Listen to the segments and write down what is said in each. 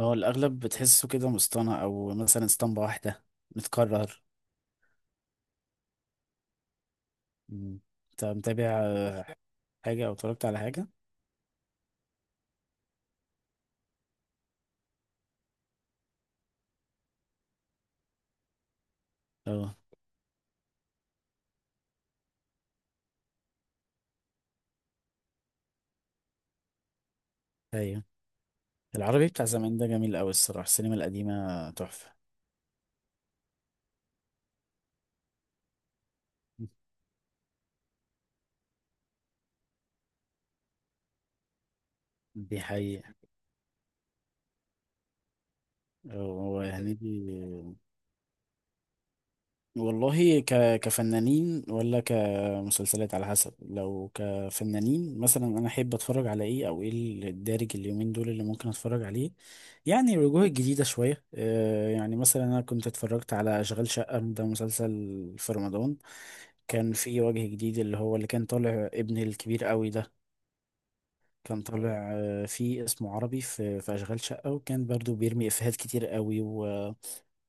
اه، الأغلب بتحسه كده مصطنع أو مثلا اسطمبة واحدة متكرر. مم. أنت متابع حاجة أو اتفرجت على حاجة؟ اه. أيوة. العربي بتاع زمان ده جميل أوي الصراحة، السينما القديمة تحفة. دي حقيقة. هو هنيدي والله. كفنانين ولا كمسلسلات؟ على حسب، لو كفنانين مثلا انا احب اتفرج على ايه او ايه الدارج اليومين دول اللي ممكن اتفرج عليه. يعني الوجوه الجديدة شوية يعني، مثلا انا كنت اتفرجت على اشغال شقة، ده مسلسل في رمضان. كان في وجه جديد اللي هو اللي كان طالع ابن الكبير قوي ده، كان طالع فيه اسمه عربي في اشغال شقة، وكان برضو بيرمي افيهات كتير قوي،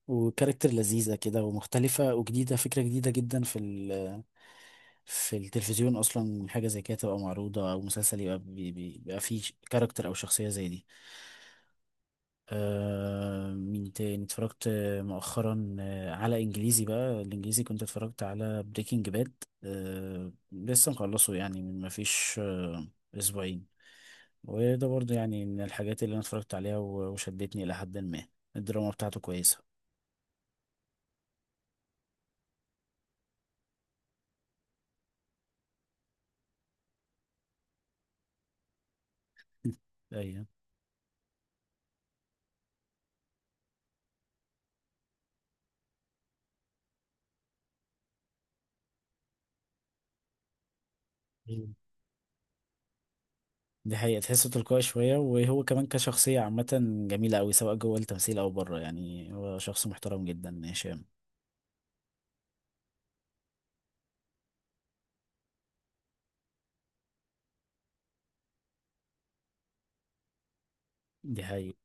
وكاركتر لذيذة كده ومختلفة وجديدة، فكرة جديدة جدا في التلفزيون أصلا حاجة زي كده تبقى معروضة، أو مسلسل يبقى بيبقى فيه كاركتر أو شخصية زي دي. آه، مين تاني اتفرجت مؤخرا على إنجليزي بقى. الإنجليزي كنت اتفرجت على بريكنج باد، لسه مخلصه يعني من مفيش آه أسبوعين. وده برضه يعني من الحاجات اللي أنا اتفرجت عليها وشدتني إلى حد ما. الدراما بتاعته كويسة. أيوة. دي حقيقة، تحسه تلقائي شوية، وهو كمان كشخصية عامة جميلة أوي، سواء جوه التمثيل أو بره. يعني هو شخص محترم جدا هشام. دي حقيقة.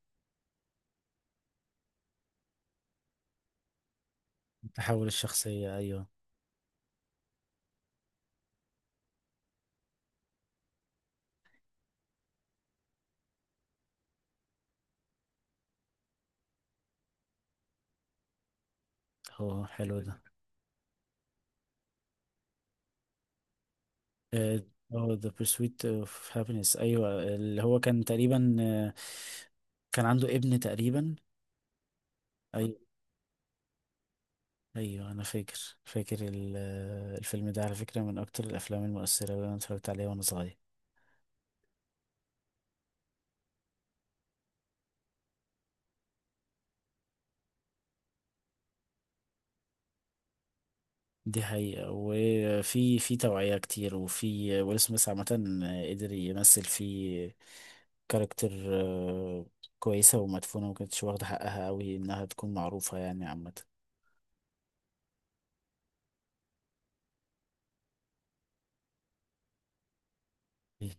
تحول الشخصية، أيوه. هو حلو ده. آه، هو The Pursuit of Happiness، أيوه اللي هو كان تقريبا كان عنده ابن تقريبا. أيوه. أيوه أنا فاكر، فاكر الفيلم ده على فكرة من أكتر الأفلام المؤثرة اللي أنا اتفرجت عليها وأنا صغير. دي حقيقة، وفي توعية كتير، وفي ويل سميث عامة قدر يمثل في كاركتر آه، كويسة ومدفونة وما كانتش واخدة حقها أوي إنها تكون معروفة يعني عامة. إيه،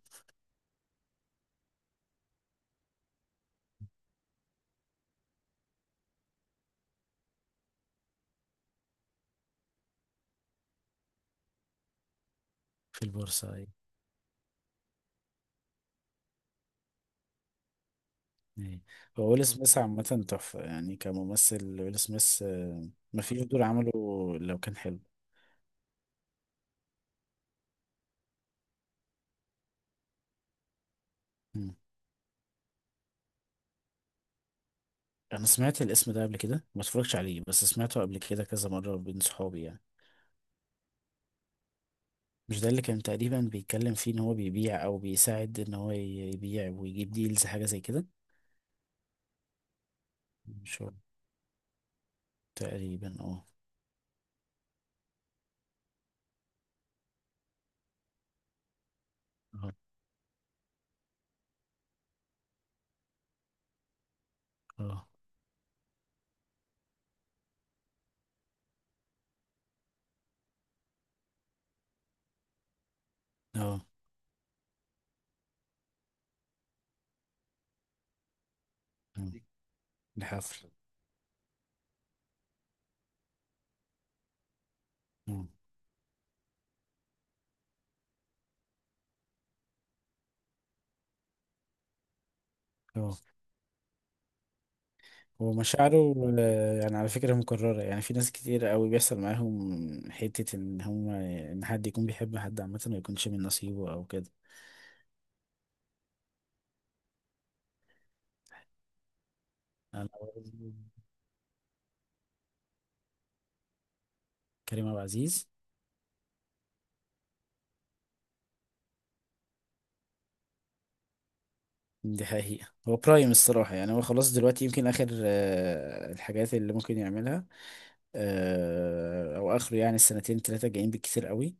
في البورصة، أي. أي. هو ويل سميث عامة تحفة يعني كممثل. ويل سميث مفيش دور عمله لو كان حلو. مم. أنا سمعت الاسم ده قبل كده، ما اتفرجتش عليه، بس سمعته قبل كده كذا مرة بين صحابي يعني. مش ده اللي كان تقريبا بيتكلم فيه ان هو بيبيع او بيساعد ان هو يبيع ويجيب ديلز حاجة زي كده؟ مش هو تقريبا. اه. اه. اه. اه. آه. الحفل. اه. اه. هو مشاعره يعني على فكرة مكررة، يعني في ناس كتير قوي بيحصل معاهم حتة ان هم ان حد يكون بيحب حد عامة ما يكونش من نصيبه او كده. انا. كريم عبد العزيز. دي حقيقة. هو برايم الصراحة يعني، هو خلاص دلوقتي يمكن آخر الحاجات اللي ممكن يعملها، او اخره يعني السنتين ثلاثه جايين بالكتير قوي.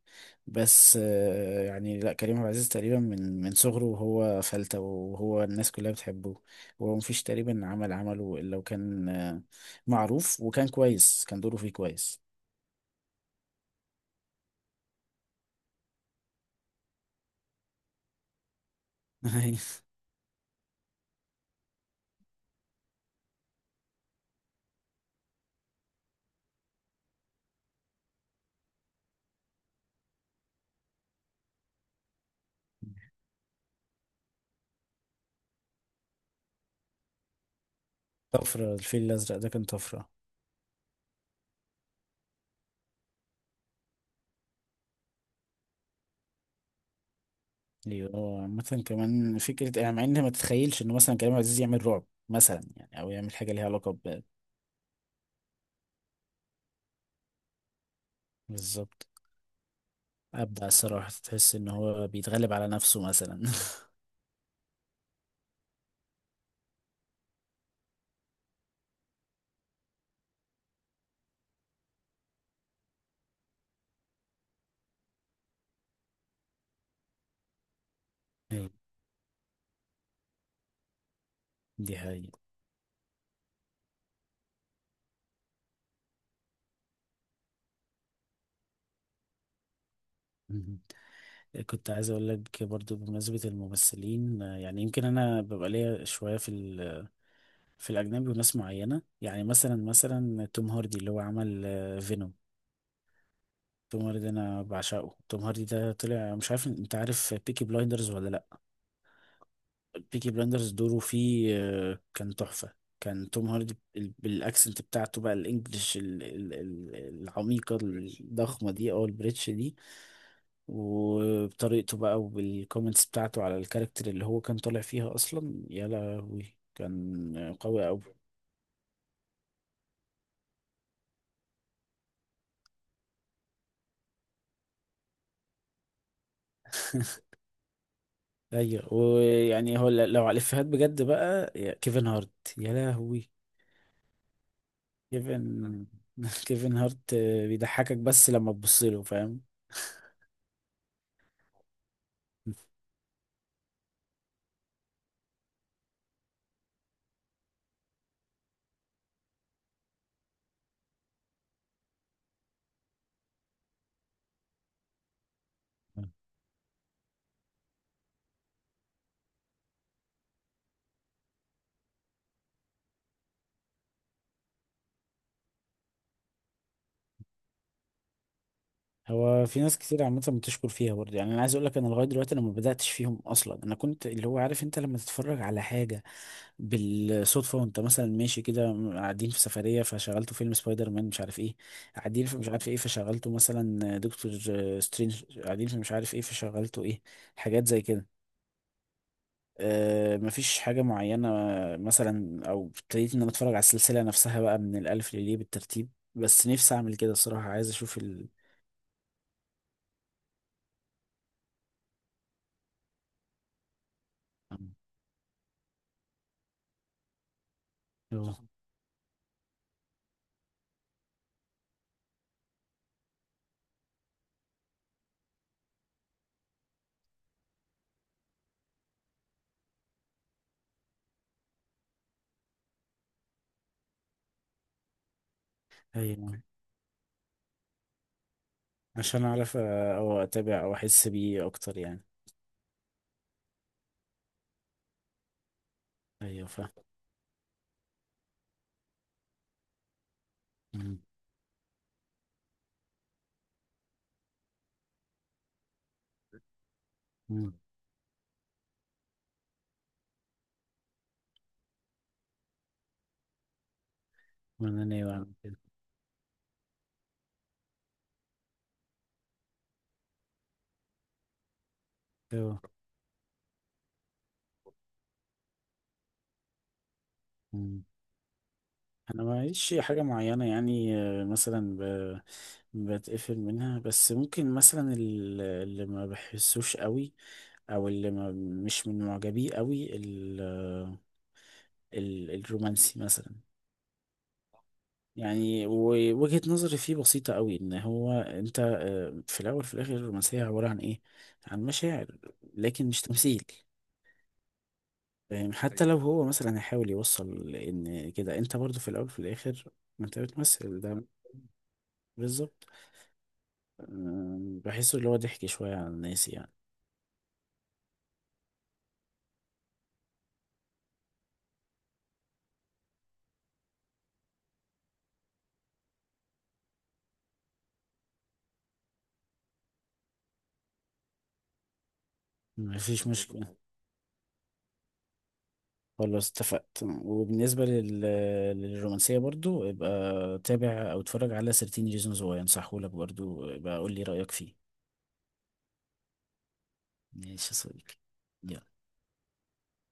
بس يعني لا، كريم عبد العزيز تقريبا من صغره وهو فلته، وهو الناس كلها بتحبه. هو مفيش تقريبا عمل عمله الا وكان معروف، وكان كويس، كان دوره فيه كويس. طفره. الفيل الازرق ده كان طفره. ليه هو عامه كمان فكره يعني، مع ان ما تتخيلش انه مثلا كريم عبد العزيز يعمل رعب مثلا يعني، او يعمل حاجه ليها علاقه ب... بالظبط. ابدع الصراحه، تحس ان هو بيتغلب على نفسه مثلا. دي حقيقة. مهم. كنت عايز اقول لك برضو بمناسبة الممثلين يعني يمكن انا ببقى ليا شوية في الاجنبي وناس معينة يعني، مثلا توم هاردي اللي هو عمل فينوم. توم هاردي انا بعشقه. توم هاردي ده طلع مش عارف انت، عارف بيكي بلايندرز ولا لا؟ بيكي بلايندرز دوره فيه كان تحفة. كان توم هاردي بالاكسنت بتاعته بقى، الانجليش العميقة الضخمة دي او البريتش دي، وبطريقته بقى، وبالكومنتس بتاعته على الكاركتر اللي هو كان طالع فيها اصلا، يا لهوي كان قوي. ايوه. ويعني هو لو على الافيهات بجد بقى، يا كيفن هارت يا لهوي. كيفن. كيفن هارت بيضحكك بس لما تبص له، فاهم. هو في ناس كتير عامة بتشكر فيها برضه يعني. أنا عايز أقول لك، أنا لغاية دلوقتي أنا ما بدأتش فيهم أصلا. أنا كنت اللي هو عارف أنت، لما تتفرج على حاجة بالصدفة وانت مثلا ماشي كده، قاعدين في سفرية فشغلتوا فيلم سبايدر مان مش عارف ايه، قاعدين في مش عارف ايه فشغلتوا مثلا دكتور سترينج، قاعدين في مش عارف ايه فشغلتوا ايه، حاجات زي كده. اه، مفيش حاجة معينة مثلا، او ابتديت ان انا اتفرج على السلسلة نفسها بقى من الالف لليه بالترتيب. بس نفسي اعمل كده الصراحة، عايز اشوف اه، ايوه عشان اعرف او اتابع او احس بيه اكتر يعني. ايوه فاهم. مم. مم. وانا ناوي اعمل كده. ايوه انا معيش حاجه معينه يعني بتقفل منها، بس ممكن مثلا اللي ما بحسوش قوي، او اللي ما مش من معجبيه قوي الرومانسي مثلا. يعني ووجهة نظري فيه بسيطة قوي، ان هو انت في الاول في الاخر الرومانسية عبارة عن ايه؟ عن مشاعر، لكن مش تمثيل. فاهم؟ حتى أيوة. لو هو مثلا هيحاول يوصل ان كده، انت برضو في الاول في الاخر ما انت بتمثل ده. بالظبط. بحسه اللي هو ضحك شوية على الناس يعني. مفيش مشكلة، خلاص اتفقت. وبالنسبة للرومانسية برضو، يبقى تابع أو اتفرج على 13 ريزونز واي، أنصحهولك. برضو يبقى قول لي رأيك فيه. ماشي يا صديقي. يلا.